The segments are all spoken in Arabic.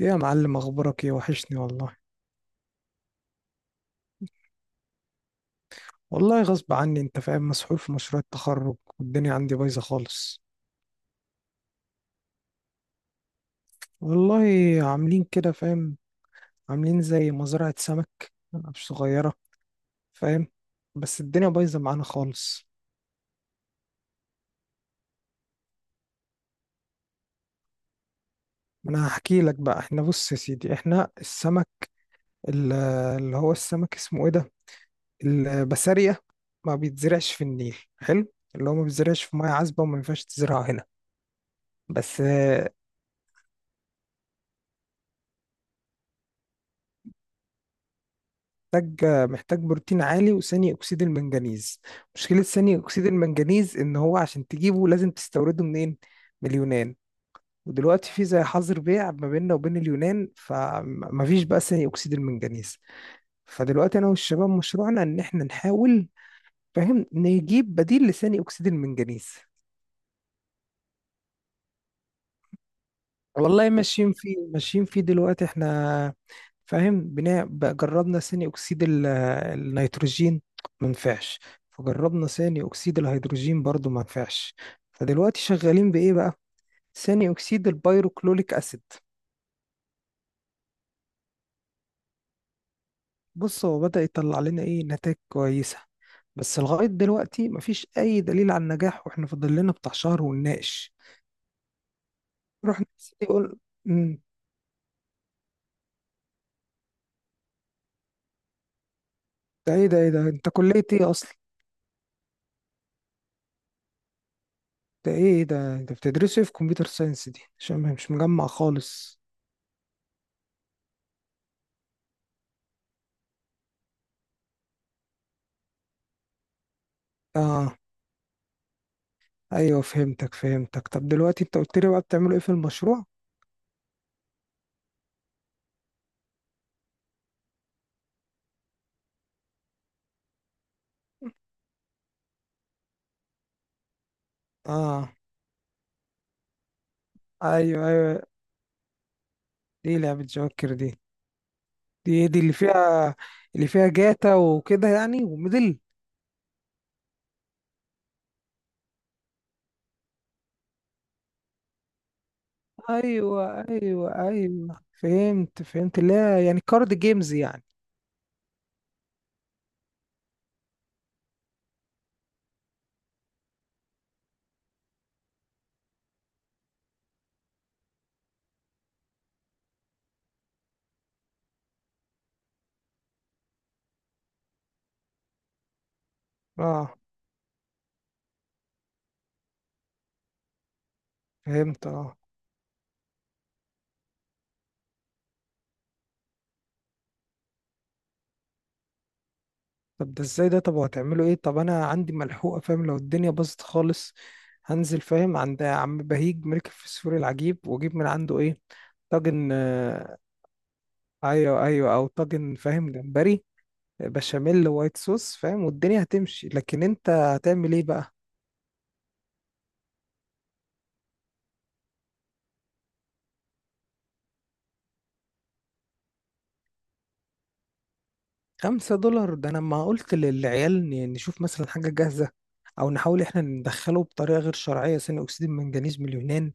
ايه يا معلم، اخبارك ايه؟ وحشني والله. والله غصب عني، انت فاهم، مسحول في مشروع التخرج والدنيا عندي بايظه خالص. والله عاملين كده، فاهم؟ عاملين زي مزرعه سمك، مش صغيره، فاهم؟ بس الدنيا بايظه معانا خالص. انا هحكي لك بقى. احنا، بص يا سيدي، احنا السمك ال- اللي هو السمك اسمه ايه ده، البسارية، ما بيتزرعش في النيل حلو. اللي هو ما بيتزرعش في ميه عذبه وما ينفعش تزرعه هنا. بس محتاج، محتاج بروتين عالي وثاني اكسيد المنجنيز. مشكله ثاني اكسيد المنجنيز ان هو عشان تجيبه لازم تستورده منين؟ من اليونان. ودلوقتي في زي حظر بيع ما بيننا وبين اليونان، فمفيش بقى ثاني اكسيد المنجنيز. فدلوقتي انا والشباب مشروعنا ان احنا نحاول، فاهم، نجيب بديل لثاني اكسيد المنجنيز. والله ماشيين فيه، ماشيين فيه دلوقتي احنا، فاهم. بناء بقى جربنا ثاني اكسيد النيتروجين، ما نفعش. فجربنا ثاني اكسيد الهيدروجين برضو ما نفعش. فدلوقتي شغالين بايه بقى؟ ثاني اكسيد البيروكلوليك اسيد. بص هو بدأ يطلع لنا ايه، نتائج كويسة، بس لغاية دلوقتي مفيش اي دليل على النجاح، واحنا فاضل لنا بتاع شهر ونناقش. رحنا يقول امم ده ايه ده انت كلية ايه اصلا؟ ده ايه؟ إيه ده انت بتدرسه إيه في كمبيوتر ساينس دي؟ عشان مش مجمع خالص. اه، ايوه، فهمتك. طب دلوقتي انت قلت لي بقى بتعملوا ايه في المشروع؟ اه، ايوه ايوه. دي لعبة جوكر دي. دي اللي فيها، جاتا وكده يعني، وميدل. ايوه ايوه ايوه، فهمت فهمت. لا، يعني كارد جيمز يعني. اه فهمت، اه طب ده ازاي ده؟ طب وهتعملوا ايه؟ طب انا عندي ملحوقه، فاهم. لو الدنيا باظت خالص هنزل، فاهم، عند عم بهيج ملك الفسفور العجيب واجيب من عنده ايه، طاجن، ايوه ايوه، او طاجن، فاهم، جمبري بشاميل وايت صوص، فاهم، والدنيا هتمشي. لكن انت هتعمل ايه بقى؟ خمسة دولار! ده انا ما قلت للعيال نشوف مثلا حاجة جاهزة، او نحاول احنا ندخله بطريقة غير شرعية ثاني اكسيد المنجنيز من اليونان.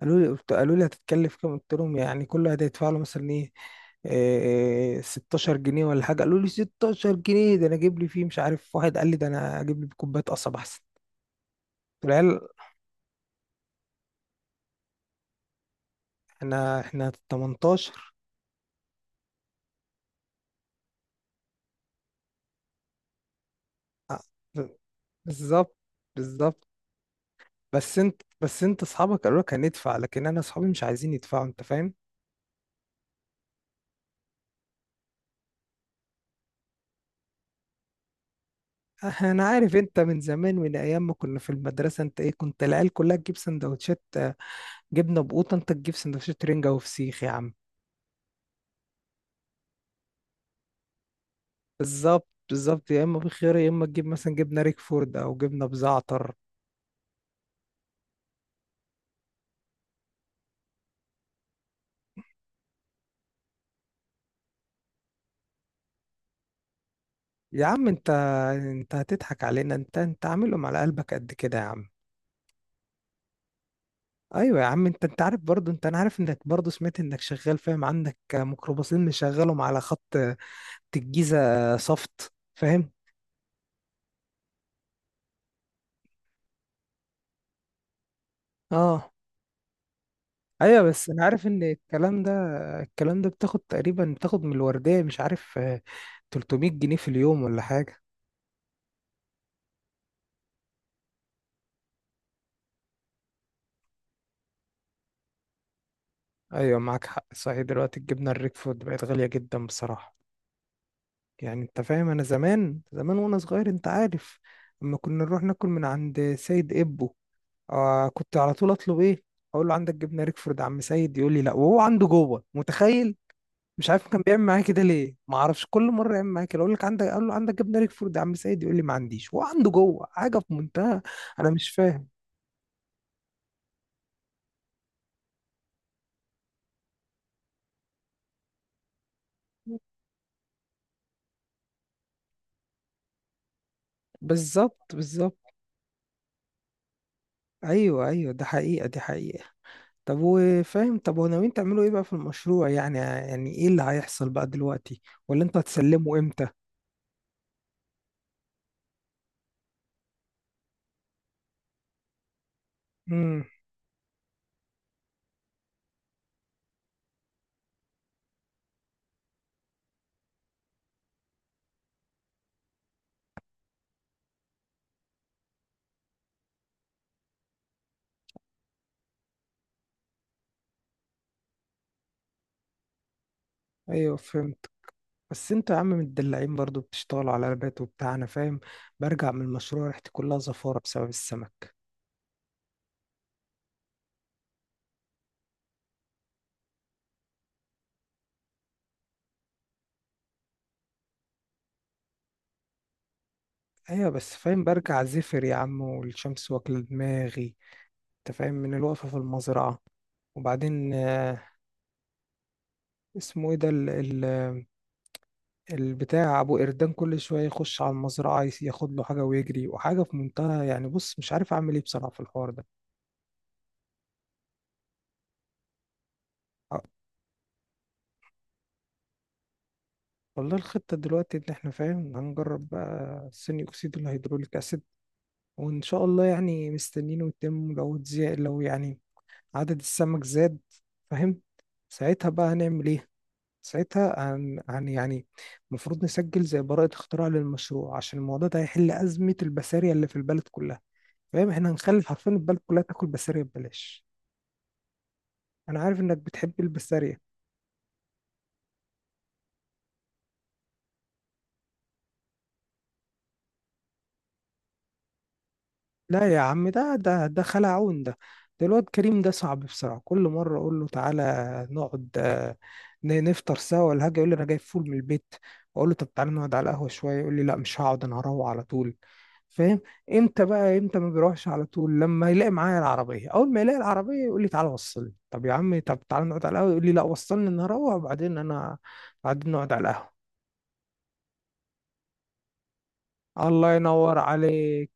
قالوا لي، قالوا لي هتتكلف كام؟ قلت لهم يعني كل واحد هيدفع له مثلا ايه، إيه، 16 جنيه ولا حاجة. قالوا لي 16 جنيه؟ ده انا اجيب لي فيه مش عارف. واحد قال لي ده انا اجيب لي كوباية قصب احسن. قلت له العيال احنا 18. آه، بالظبط بالظبط. بس انت اصحابك قالوا لك هندفع، لكن انا اصحابي مش عايزين يدفعوا، انت فاهم. اه، انا عارف. انت من زمان، من ايام ما كنا في المدرسه، انت ايه، كنت العيال كلها تجيب سندوتشات جبنه بقوطه، انت تجيب سندوتشات رنجه وفسيخ يا عم. بالظبط بالظبط. يا اما بخيار، يا اما تجيب مثلا جبنه ريكفورد او جبنه بزعتر. يا عم انت، انت هتضحك علينا؟ انت عاملهم على قلبك قد كده يا عم. ايوه يا عم. انت عارف برضو، انت، انا عارف انك برضو، سمعت انك شغال، فاهم، عندك ميكروباصين مشغلهم على خط الجيزة صفت، فاهم. اه، ايوه. بس انا عارف ان الكلام ده بتاخد تقريبا، بتاخد من الوردية، مش عارف، 300 جنيه في اليوم ولا حاجة. ايوه، معاك حق، صحيح دلوقتي الجبنة الريكفورد بقت غالية جدا بصراحة. يعني انت فاهم، انا زمان زمان وانا صغير، انت عارف، اما كنا نروح ناكل من عند سيد ابو، كنت على طول اطلب ايه، اقول له عندك جبنة ريكفورد يا عم سيد؟ يقول لي لا، وهو عنده جوه، متخيل. مش عارف كان بيعمل معايا كده ليه، ما اعرفش، كل مره يعمل معايا كده. اقول لك عندك، اقول له عندك جبنه ريكفورد يا عم سيد؟ يقول لي ما عنديش، هو عنده جوه، حاجه في منتهى. انا مش فاهم. بالظبط بالظبط، ايوه ايوه، ده حقيقه، دي حقيقه. طب وفاهم، طب وناويين تعملوا ايه بقى في المشروع يعني؟ يعني ايه اللي هيحصل بقى دلوقتي؟ ولا انتوا هتسلموا امتى؟ امم ايوه فهمت. بس انتوا يا عم متدلعين برضو، بتشتغلوا على لابات وبتاع، انا فاهم. برجع من المشروع ريحتي كلها زفاره بسبب السمك. ايوه بس، فاهم، برجع زفر يا عم، والشمس واكله دماغي، انت فاهم، من الوقفه في المزرعه. وبعدين اسمه ايه ده، ال ال البتاع ابو قردان كل شويه يخش على المزرعه، ياخد له حاجه ويجري، وحاجه في منتهى يعني. بص مش عارف اعمل ايه بصراحه في الحوار ده. آه، والله الخطه دلوقتي ان احنا، فاهم، هنجرب بقى ثاني اكسيد الهيدروليك اسيد، وان شاء الله يعني مستنينه يتم. لو اتزي، لو يعني عدد السمك زاد، فاهم، ساعتها بقى هنعمل ايه؟ ساعتها هن هن يعني المفروض نسجل زي براءة اختراع للمشروع، عشان الموضوع ده هيحل أزمة البسارية اللي في البلد كلها. فاهم، احنا هنخلي حرفيا البلد كلها تاكل بسارية ببلاش. أنا عارف إنك بتحب البسارية. لا يا عم، ده خلعون ده. ده الواد كريم ده صعب بصراحة. كل مرة أقول له تعالى نقعد، نفطر سوا ولا حاجة، يقول لي أنا جايب فول من البيت. أقول له طب تعالى نقعد على القهوة شوية، يقول لي لا، مش هقعد أنا هروح على طول، فاهم. امتى بقى امتى ما بيروحش على طول؟ لما يلاقي معايا العربيه. اول ما يلاقي العربيه يقول لي تعالى وصلني. طب يا عم، طب تعالى نقعد على القهوه، يقول لي لا وصلني انا هروح وبعدين انا، بعدين نقعد على القهوه. الله ينور عليك.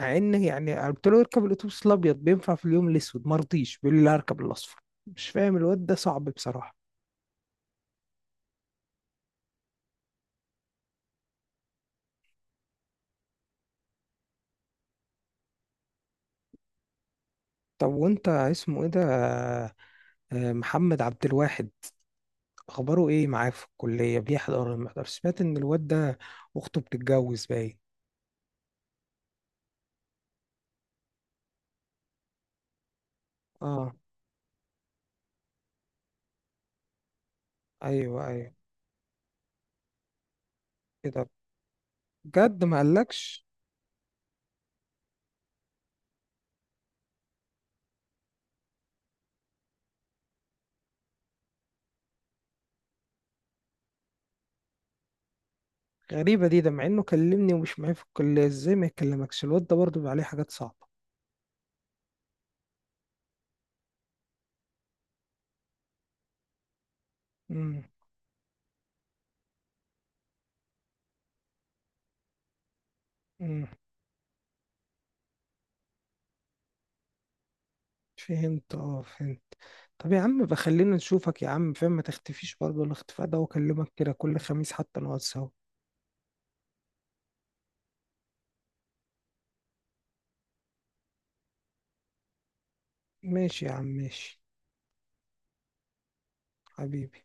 مع ان يعني قلت له اركب الاتوبيس الابيض بينفع في اليوم الاسود، ما رضيش، بيقول لي لا اركب الاصفر. مش فاهم الواد ده صعب بصراحه. طب وانت اسمه ايه ده، محمد عبد الواحد؟ اخباره ايه معاه في الكليه، بيحضر ولا ما بيحضرش؟ سمعت ان الواد ده اخته بتتجوز، باين. اه، ايوه ايوه، كده. بجد ما قالكش؟ غريبه دي، ده مع انه كلمني ومش معايا في الكليه، ازاي ما يكلمكش؟ الواد ده برضه بيبقى عليه حاجات صعبه. امم امم فهمت، اه فهمت. طب يا عم بقى خلينا نشوفك يا عم، فاهم، ما تختفيش برضه الاختفاء ده، واكلمك كده كل خميس حتى نقعد سوا. ماشي يا عم ماشي. حبيبي.